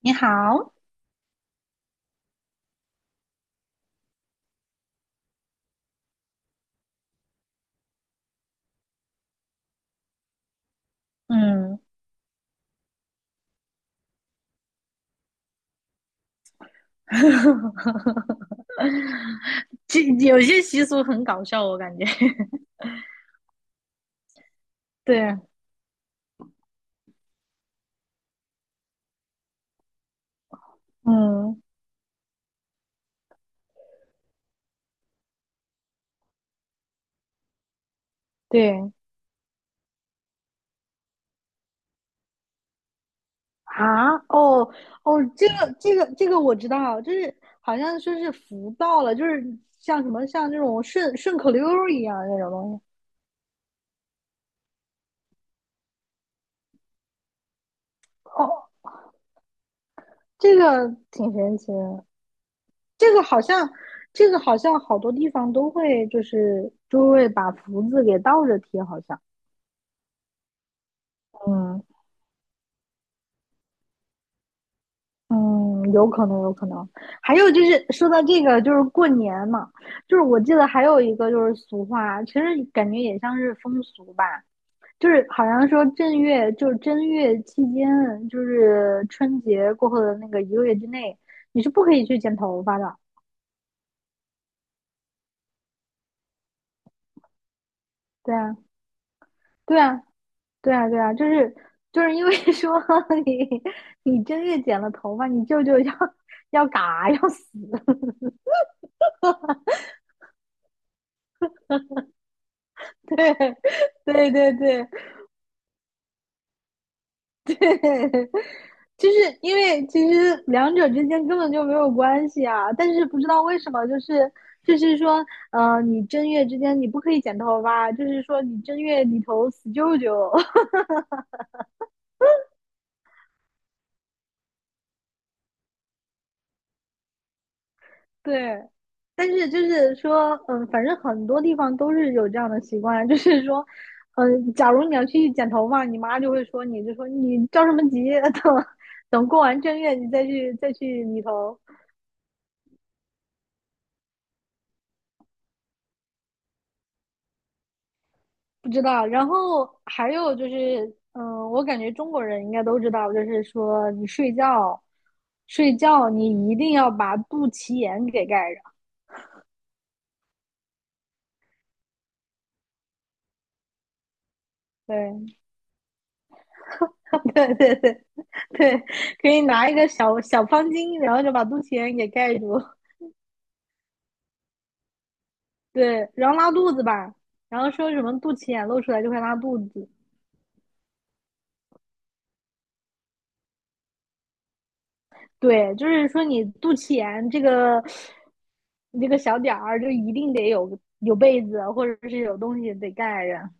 你好。嗯。这有些习俗很搞笑，我感觉。对。嗯。对啊。哦，这个我知道，就是好像说是福到了，就是像什么像那种顺口溜儿一样那种东西。哦，这个挺神奇的，这个好像这个好像好多地方都会就是就会把福字给倒着贴，好像。嗯。嗯，有可能，有可能。还有就是说到这个，就是过年嘛，就是我记得还有一个就是俗话，其实感觉也像是风俗吧，就是好像说正月，就是正月期间，就是春节过后的那个一个月之内，你是不可以去剪头发的。对啊，对啊，对啊，就是因为 说你你正月剪了头发，你舅舅要嘎要死。对，对对对。就是因为其实两者之间根本就没有关系啊，但是不知道为什么，说，你正月之间你不可以剪头发，就是说你正月里头死舅舅。对。但是就是说，反正很多地方都是有这样的习惯，就是说，假如你要去剪头发，你妈就会说你，就说你着什么急。等过完正月你再去理头。不知道。然后还有就是，嗯，我感觉中国人应该都知道，就是说你睡觉，你一定要把肚脐眼给盖着。对 对，可以拿一个小小方巾，然后就把肚脐眼给盖住。对，然后拉肚子吧，然后说什么肚脐眼露出来就会拉肚子。对，就是说你肚脐眼这个你这个小点儿，就一定得有被子或者是有东西得盖着。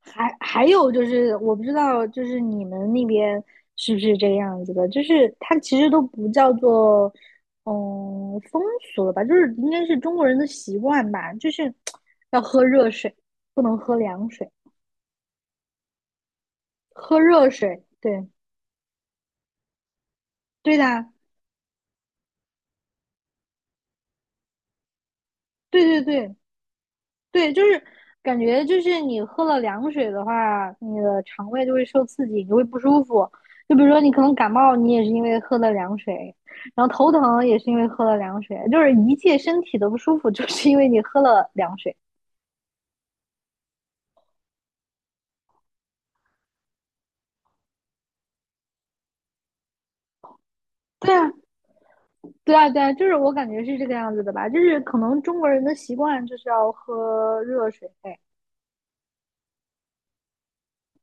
还有就是，我不知道，就是你们那边是不是这个样子的？就是它其实都不叫做，嗯，风俗了吧？就是应该是中国人的习惯吧？就是要喝热水，不能喝凉水，喝热水。对，对的啊，对对对，对，就是感觉就是你喝了凉水的话，你的肠胃就会受刺激，你就会不舒服。就比如说你可能感冒，你也是因为喝了凉水，然后头疼也是因为喝了凉水，就是一切身体的不舒服，就是因为你喝了凉水。对啊，对啊，对啊，就是我感觉是这个样子的吧，就是可能中国人的习惯就是要喝热水。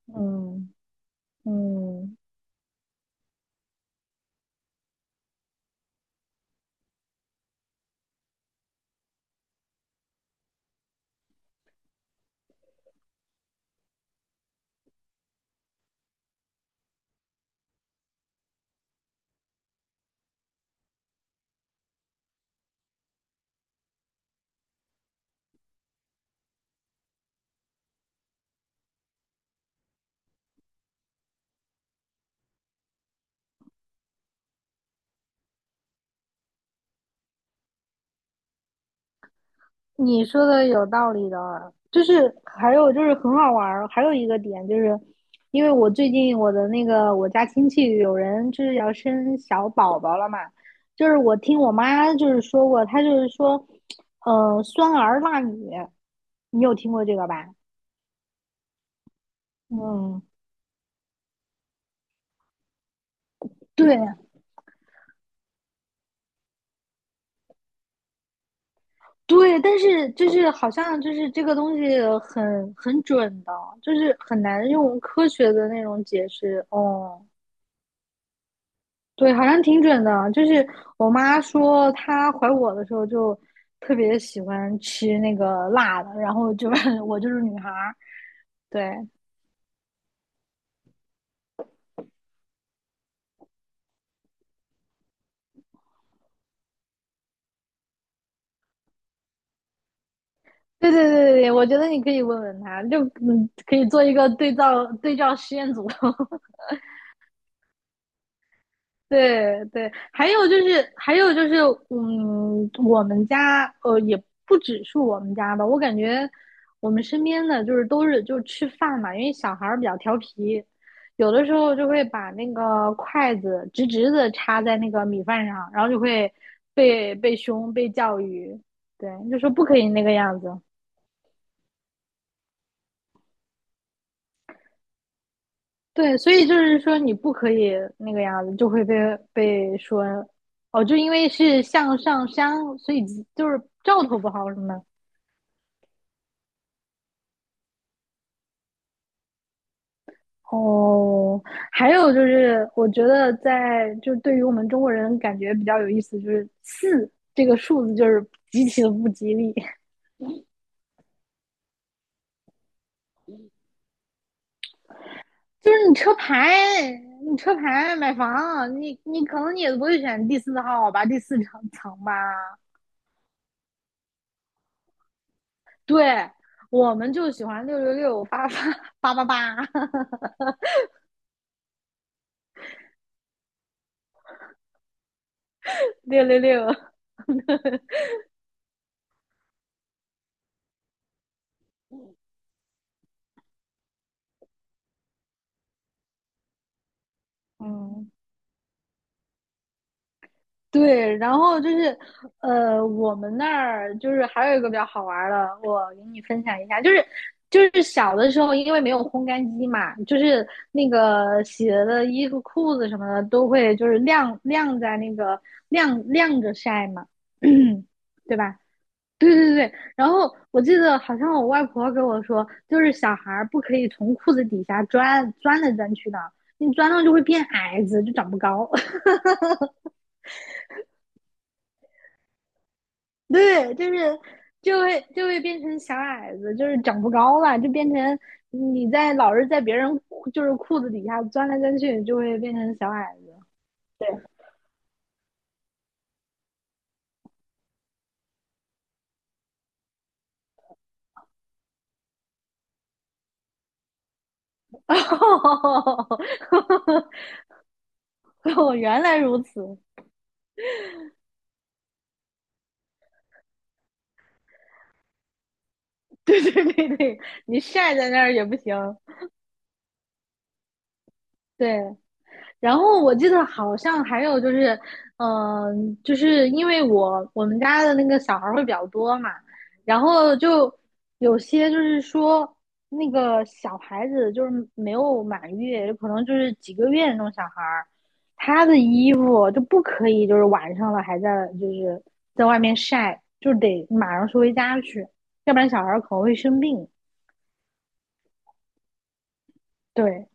嗯。嗯，你说的有道理的，就是还有就是很好玩儿，还有一个点就是，因为我最近我的那个我家亲戚有人就是要生小宝宝了嘛，就是我听我妈就是说过，她就是说，嗯，酸儿辣女，你有听过这个吧？嗯，对对，但是就是好像就是这个东西很准的，就是很难用科学的那种解释。哦，对，好像挺准的。就是我妈说她怀我的时候就特别喜欢吃那个辣的，然后就 我就是女孩儿。对，对对对对，我觉得你可以问问她，就嗯可以做一个对照实验组。对对，还有就是，嗯，我们家呃，也不只是我们家吧，我感觉我们身边的就是都是就吃饭嘛，因为小孩儿比较调皮，有的时候就会把那个筷子直直的插在那个米饭上，然后就会被凶被教育。对，就说不可以那个样子。对，所以就是说你不可以那个样子，就会被说哦，就因为是向上山，所以就是兆头不好什么的。哦，还有就是，我觉得在就是对于我们中国人感觉比较有意思，就是四这个数字就是极其的不吉利，就是你车牌，你车牌买房，你可能你也不会选第四号吧，第四层吧，对。我们就喜欢六六六八八八，六六六。嗯，对，然后就是，呃，我们那儿就是还有一个比较好玩的，我给你分享一下，就是小的时候，因为没有烘干机嘛，就是那个洗了的衣服、裤子什么的都会就是晾在那个晾着晒嘛，对吧？对对对，然后我记得好像我外婆跟我说，就是小孩儿不可以从裤子底下钻来钻去的，你钻到就会变矮子，就长不高。对，就是就会变成小矮子，就是长不高了，就变成你在老是在别人裤就是裤子底下钻来钻去，就会变成小矮子。对，哦，原来如此。对对对对，你晒在那儿也不行。对，然后我记得好像还有就是，嗯，就是因为我们家的那个小孩儿会比较多嘛，然后就有些就是说那个小孩子就是没有满月，有可能就是几个月那种小孩儿，他的衣服就不可以就是晚上了还在就是在外面晒，就得马上收回家去，要不然小孩儿可能会生病。对，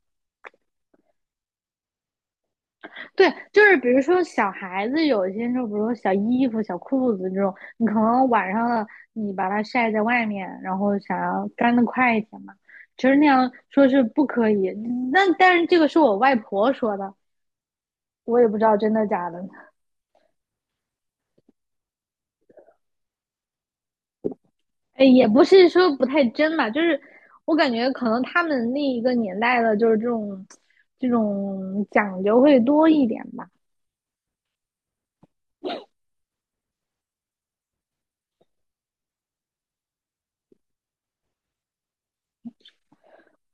对，就是比如说小孩子有些时候，比如说小衣服、小裤子这种，你可能晚上了，你把它晒在外面，然后想要干的快一点嘛，其实那样说是不可以。那但是这个是我外婆说的，我也不知道真的假的，哎，也不是说不太真吧，就是我感觉可能他们那一个年代的，就是这种讲究会多一点吧。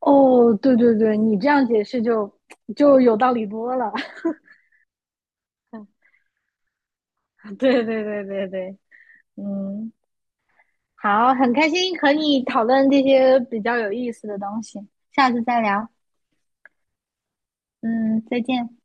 哦，对对对，你这样解释就有道理多了。对对对对对，嗯，好，很开心和你讨论这些比较有意思的东西，下次再聊。嗯，再见。